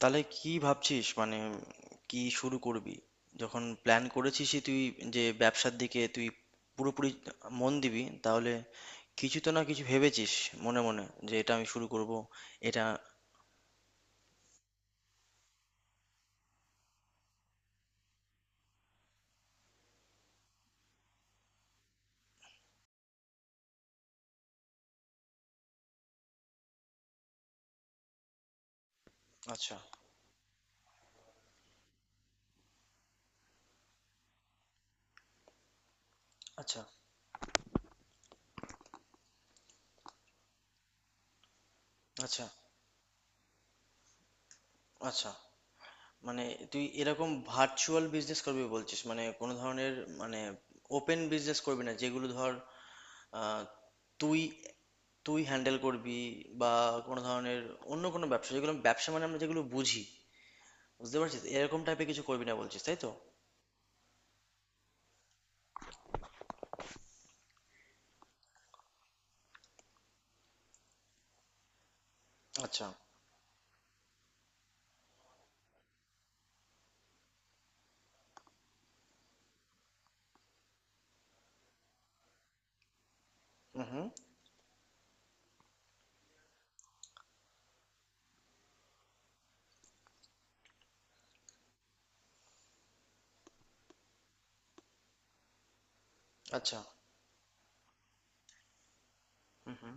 তাহলে কি ভাবছিস? মানে কি শুরু করবি? যখন প্ল্যান করেছিসই তুই যে ব্যবসার দিকে তুই পুরোপুরি মন দিবি, তাহলে কিছু তো না কিছু ভেবেছিস মনে মনে যে এটা আমি শুরু করব, এটা। আচ্ছা। আচ্ছা। আচ্ছা। আচ্ছা। মানে তুই এরকম ভার্চুয়াল বিজনেস করবি বলছিস, মানে কোনো ধরনের মানে ওপেন বিজনেস করবি না যেগুলো ধর, আহ, তুই তুই হ্যান্ডেল করবি, বা কোনো ধরনের অন্য কোনো ব্যবসা যেগুলো ব্যবসা মানে আমরা যেগুলো বুঝি, বুঝতে পারছিস, এরকম টাইপের কিছু করবি না বলছিস তাই তো? আচ্ছা। হুম, হুম। আচ্ছা। হুম, হুম।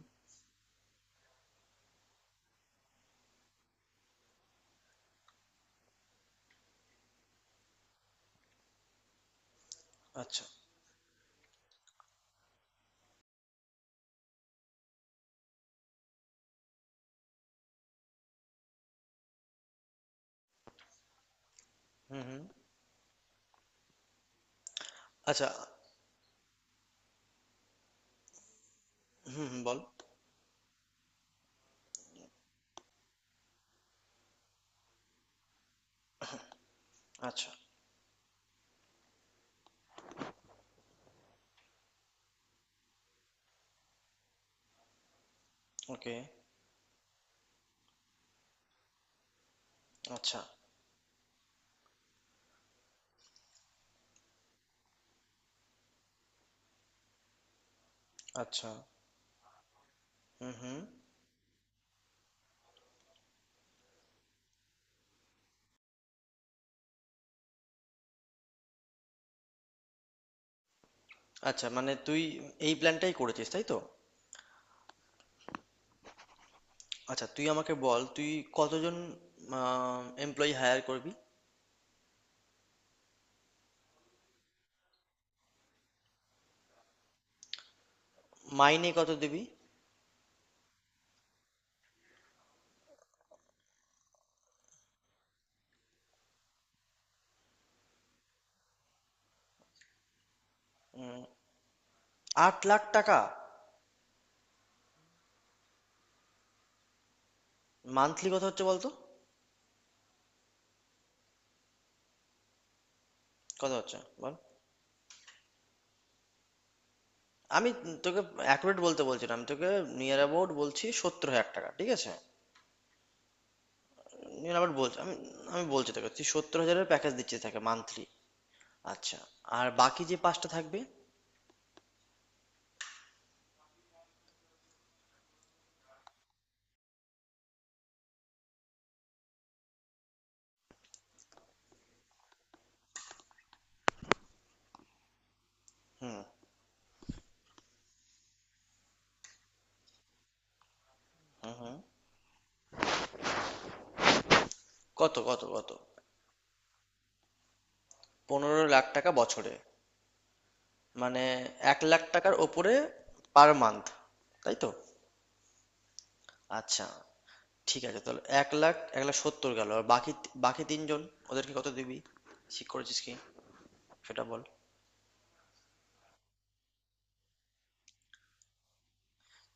আচ্ছা। হুম, হুম। আচ্ছা। হুম, হুম, বল। আচ্ছা। ওকে। আচ্ছা। আচ্ছা। হুম, হুম। আচ্ছা, মানে তুই এই প্ল্যানটাই করেছিস তাই তো? আচ্ছা, তুই আমাকে বল, তুই কতজন এমপ্লয়ি হায়ার করবি? মাইনে কত দিবি? উম, 8 লাখ টাকা? মান্থলি কত হচ্ছে বলতো? কত হচ্ছে? বল, আমি তোকে অ্যাকুরেট বলতে বলছি না, আমি তোকে নিয়ার অ্যাবাউট বলছি, 70 হাজার টাকা, ঠিক আছে? নিন আবার বলছি আমি। আমি বলছি তোকে, তুই 70 হাজারের প্যাকেজ দিচ্ছিস তাকে মান্থলি। আচ্ছা, আর বাকি যে পাঁচটা থাকবে? হুম, হুম, হুম। কত কত কত? 15 লাখ টাকা বছরে? মানে 1 লাখ টাকার ওপরে পার মান্থ, তাই তো? আচ্ছা, ঠিক আছে, তাহলে এক লাখ, এক লাখ সত্তর গেল, আর বাকি বাকি তিনজন ওদেরকে কত দিবি? ঠিক করেছিস কি? সেটা বল।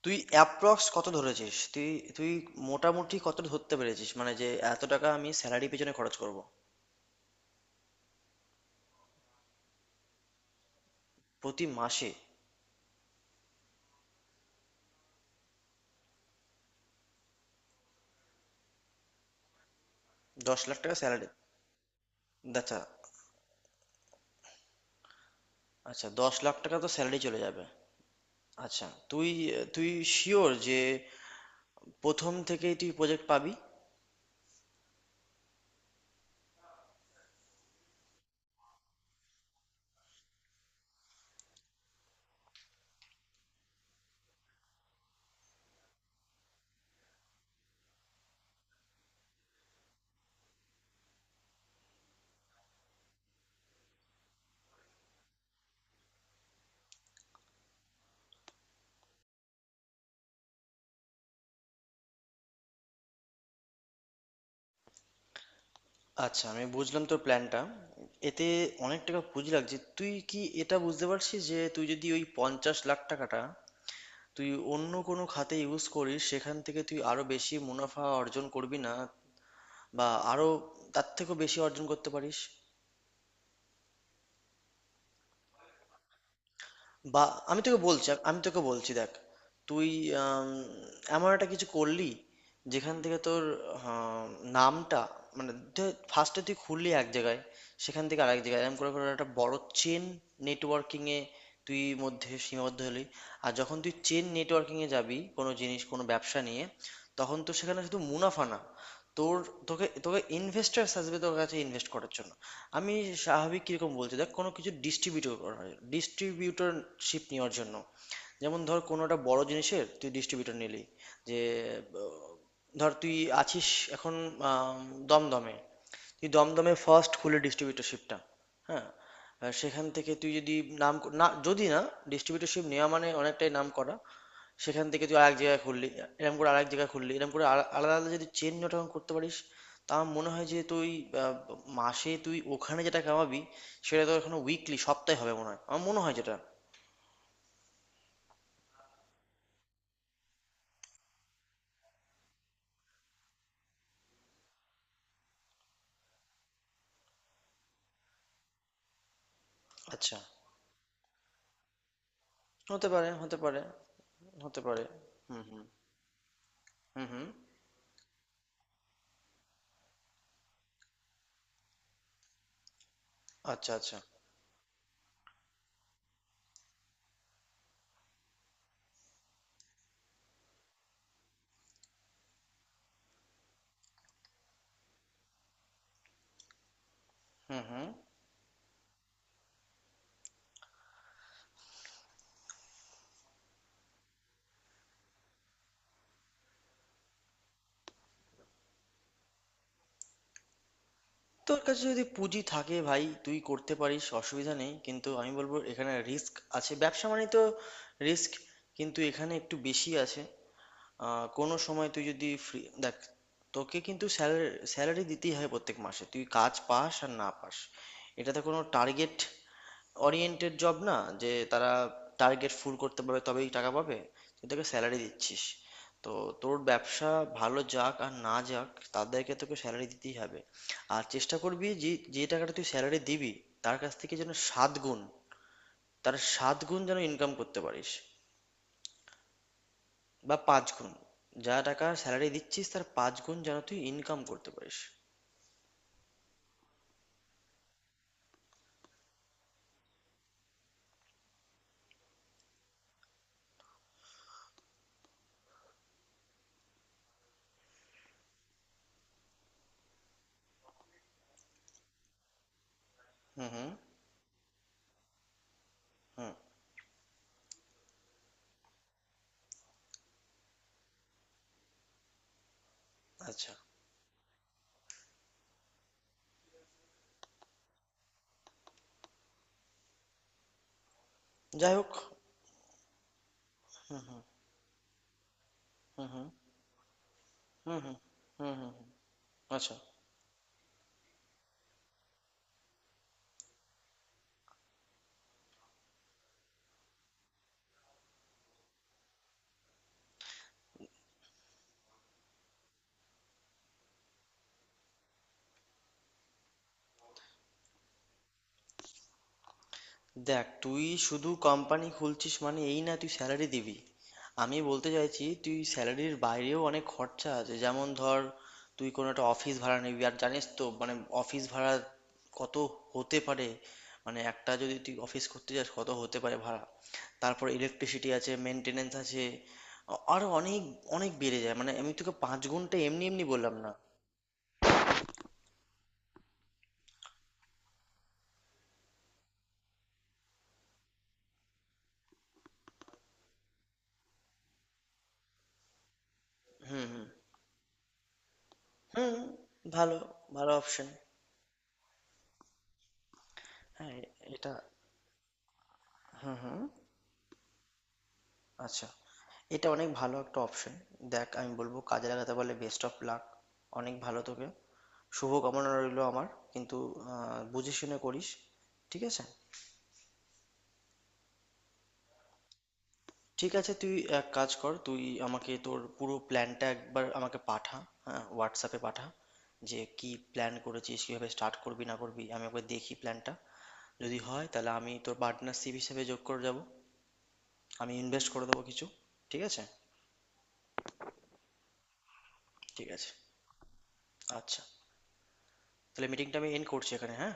তুই অ্যাপ্রক্স কত ধরেছিস তুই? তুই মোটামুটি কত ধরতে পেরেছিস, মানে যে এত টাকা আমি স্যালারি পেছনে খরচ করব? প্রতি মাসে। 10 লাখ টাকা স্যালারি? আচ্ছা। আচ্ছা, 10 লাখ টাকা তো স্যালারি চলে যাবে। আচ্ছা, তুই তুই শিওর যে প্রথম থেকেই তুই প্রজেক্ট পাবি? আচ্ছা, আমি বুঝলাম তোর প্ল্যানটা। এতে অনেক টাকা পুঁজি লাগছে, তুই কি এটা বুঝতে পারছিস যে তুই যদি ওই 50 লাখ টাকাটা তুই অন্য কোনো খাতে ইউজ করিস, সেখান থেকে তুই আরো বেশি মুনাফা অর্জন করবি না, বা আরো তার থেকেও বেশি অর্জন করতে পারিস? বা আমি তোকে বলছি, আমি তোকে বলছি, দেখ, তুই আম, এমন একটা কিছু করলি যেখান থেকে তোর নামটা মানে ফার্স্টে তুই খুললি এক জায়গায়, সেখান থেকে আরেক জায়গায়, এরকম করে করে একটা বড় চেন নেটওয়ার্কিং এ তুই মধ্যে সীমাবদ্ধ হলি। আর যখন তুই চেন নেটওয়ার্কিং এ যাবি কোনো জিনিস, কোনো ব্যবসা নিয়ে, তখন তো সেখানে শুধু মুনাফা না, তোর তোকে তোকে ইনভেস্টার্স আসবে তোর কাছে ইনভেস্ট করার জন্য। আমি স্বাভাবিক কীরকম বলছি দেখ, কোনো কিছু ডিস্ট্রিবিউটর করা হয় ডিস্ট্রিবিউটরশিপ নেওয়ার জন্য, যেমন ধর কোনো একটা বড় জিনিসের তুই ডিস্ট্রিবিউটর নিলি, যে আহ, ধর তুই আছিস এখন আম, দমদমে, তুই দমদমে ফার্স্ট খুলে ডিস্ট্রিবিউটরশিপটা, হ্যাঁ, আর সেখান থেকে তুই যদি নাম না, যদি না ডিস্ট্রিবিউটরশিপ নেওয়া মানে অনেকটাই নাম করা, সেখান থেকে তুই আরেক জায়গায় খুললি, এরকম করে আরেক জায়গায় খুললি, এরকম করে আলাদা আলাদা যদি চেন যখন করতে পারিস, তা আমার মনে হয় যে তুই আহ, মাসে তুই ওখানে যেটা কামাবি সেটা তো এখনো উইকলি সপ্তাহে হবে মনে হয়, আমার মনে হয় যেটা। আচ্ছা। হতে পারে, হতে পারে, হতে পারে। হুম, হুম। হুম, হুম। আচ্ছা। আচ্ছা। হুম, হুম। তোর কাছে যদি পুঁজি থাকে ভাই, তুই করতে পারিস, অসুবিধা নেই, কিন্তু আমি বলবো এখানে রিস্ক আছে। ব্যবসা মানে তো রিস্ক, কিন্তু এখানে একটু বেশি আছে। আহ, কোনো সময় তুই যদি ফ্রি দেখ, তোকে কিন্তু স্যালারি স্যালারি দিতেই হয় প্রত্যেক মাসে, তুই কাজ পাস আর না পাস। এটাতে কোনো টার্গেট ওরিয়েন্টেড জব না যে তারা টার্গেট ফুল করতে পারবে তবেই টাকা পাবে। তুই তাকে স্যালারি দিচ্ছিস, তো তোর ব্যবসা ভালো যাক আর না যাক, তাদেরকে তোকে স্যালারি দিতেই হবে। আর চেষ্টা করবি যে যে টাকাটা তুই স্যালারি দিবি তার কাছ থেকে যেন সাত গুণ, তার সাত গুণ যেন ইনকাম করতে পারিস, বা পাঁচ গুণ, যা টাকা স্যালারি দিচ্ছিস তার পাঁচ গুণ যেন তুই ইনকাম করতে পারিস। হুম, হুম, হুম। আচ্ছা। যাই হোক। হুম, হুম, হুম, হুম, হুম, হুম, হুম। আচ্ছা। দেখ, তুই শুধু কোম্পানি খুলছিস মানে এই না তুই স্যালারি দিবি, আমি বলতে চাইছি তুই স্যালারির বাইরেও অনেক খরচা আছে, যেমন ধর তুই কোনো একটা অফিস ভাড়া নিবি, আর জানিস তো মানে অফিস ভাড়া কত হতে পারে? মানে একটা যদি তুই অফিস করতে যাস কত হতে পারে ভাড়া? তারপর ইলেকট্রিসিটি আছে, মেনটেনেন্স আছে, আরো অনেক অনেক বেড়ে যায়, মানে আমি তোকে পাঁচ গুণটা এমনি এমনি বললাম না। হুম, হুম, হুম। ভালো, ভালো অপশন। হ্যাঁ, এটা। হুম, হুম। আচ্ছা, এটা অনেক ভালো একটা অপশন। দেখ, আমি বলবো কাজে লাগাতে পারলে বেস্ট অফ লাক। অনেক ভালো তোকে। শুভ কামনা রইলো আমার। কিন্তু বুঝে শুনে করিস, ঠিক আছে? ঠিক আছে, তুই এক কাজ কর, তুই আমাকে তোর পুরো প্ল্যানটা একবার আমাকে পাঠা, হ্যাঁ, হোয়াটসঅ্যাপে পাঠা, যে কি প্ল্যান করেছিস, কিভাবে স্টার্ট করবি না করবি, আমি একবার দেখি প্ল্যানটা, যদি হয় তাহলে আমি তোর পার্টনারশিপ হিসেবে যোগ করে যাব, আমি ইনভেস্ট করে দেবো কিছু, ঠিক আছে? ঠিক আছে। আচ্ছা। তাহলে মিটিংটা আমি এন্ড করছি এখানে, হ্যাঁ।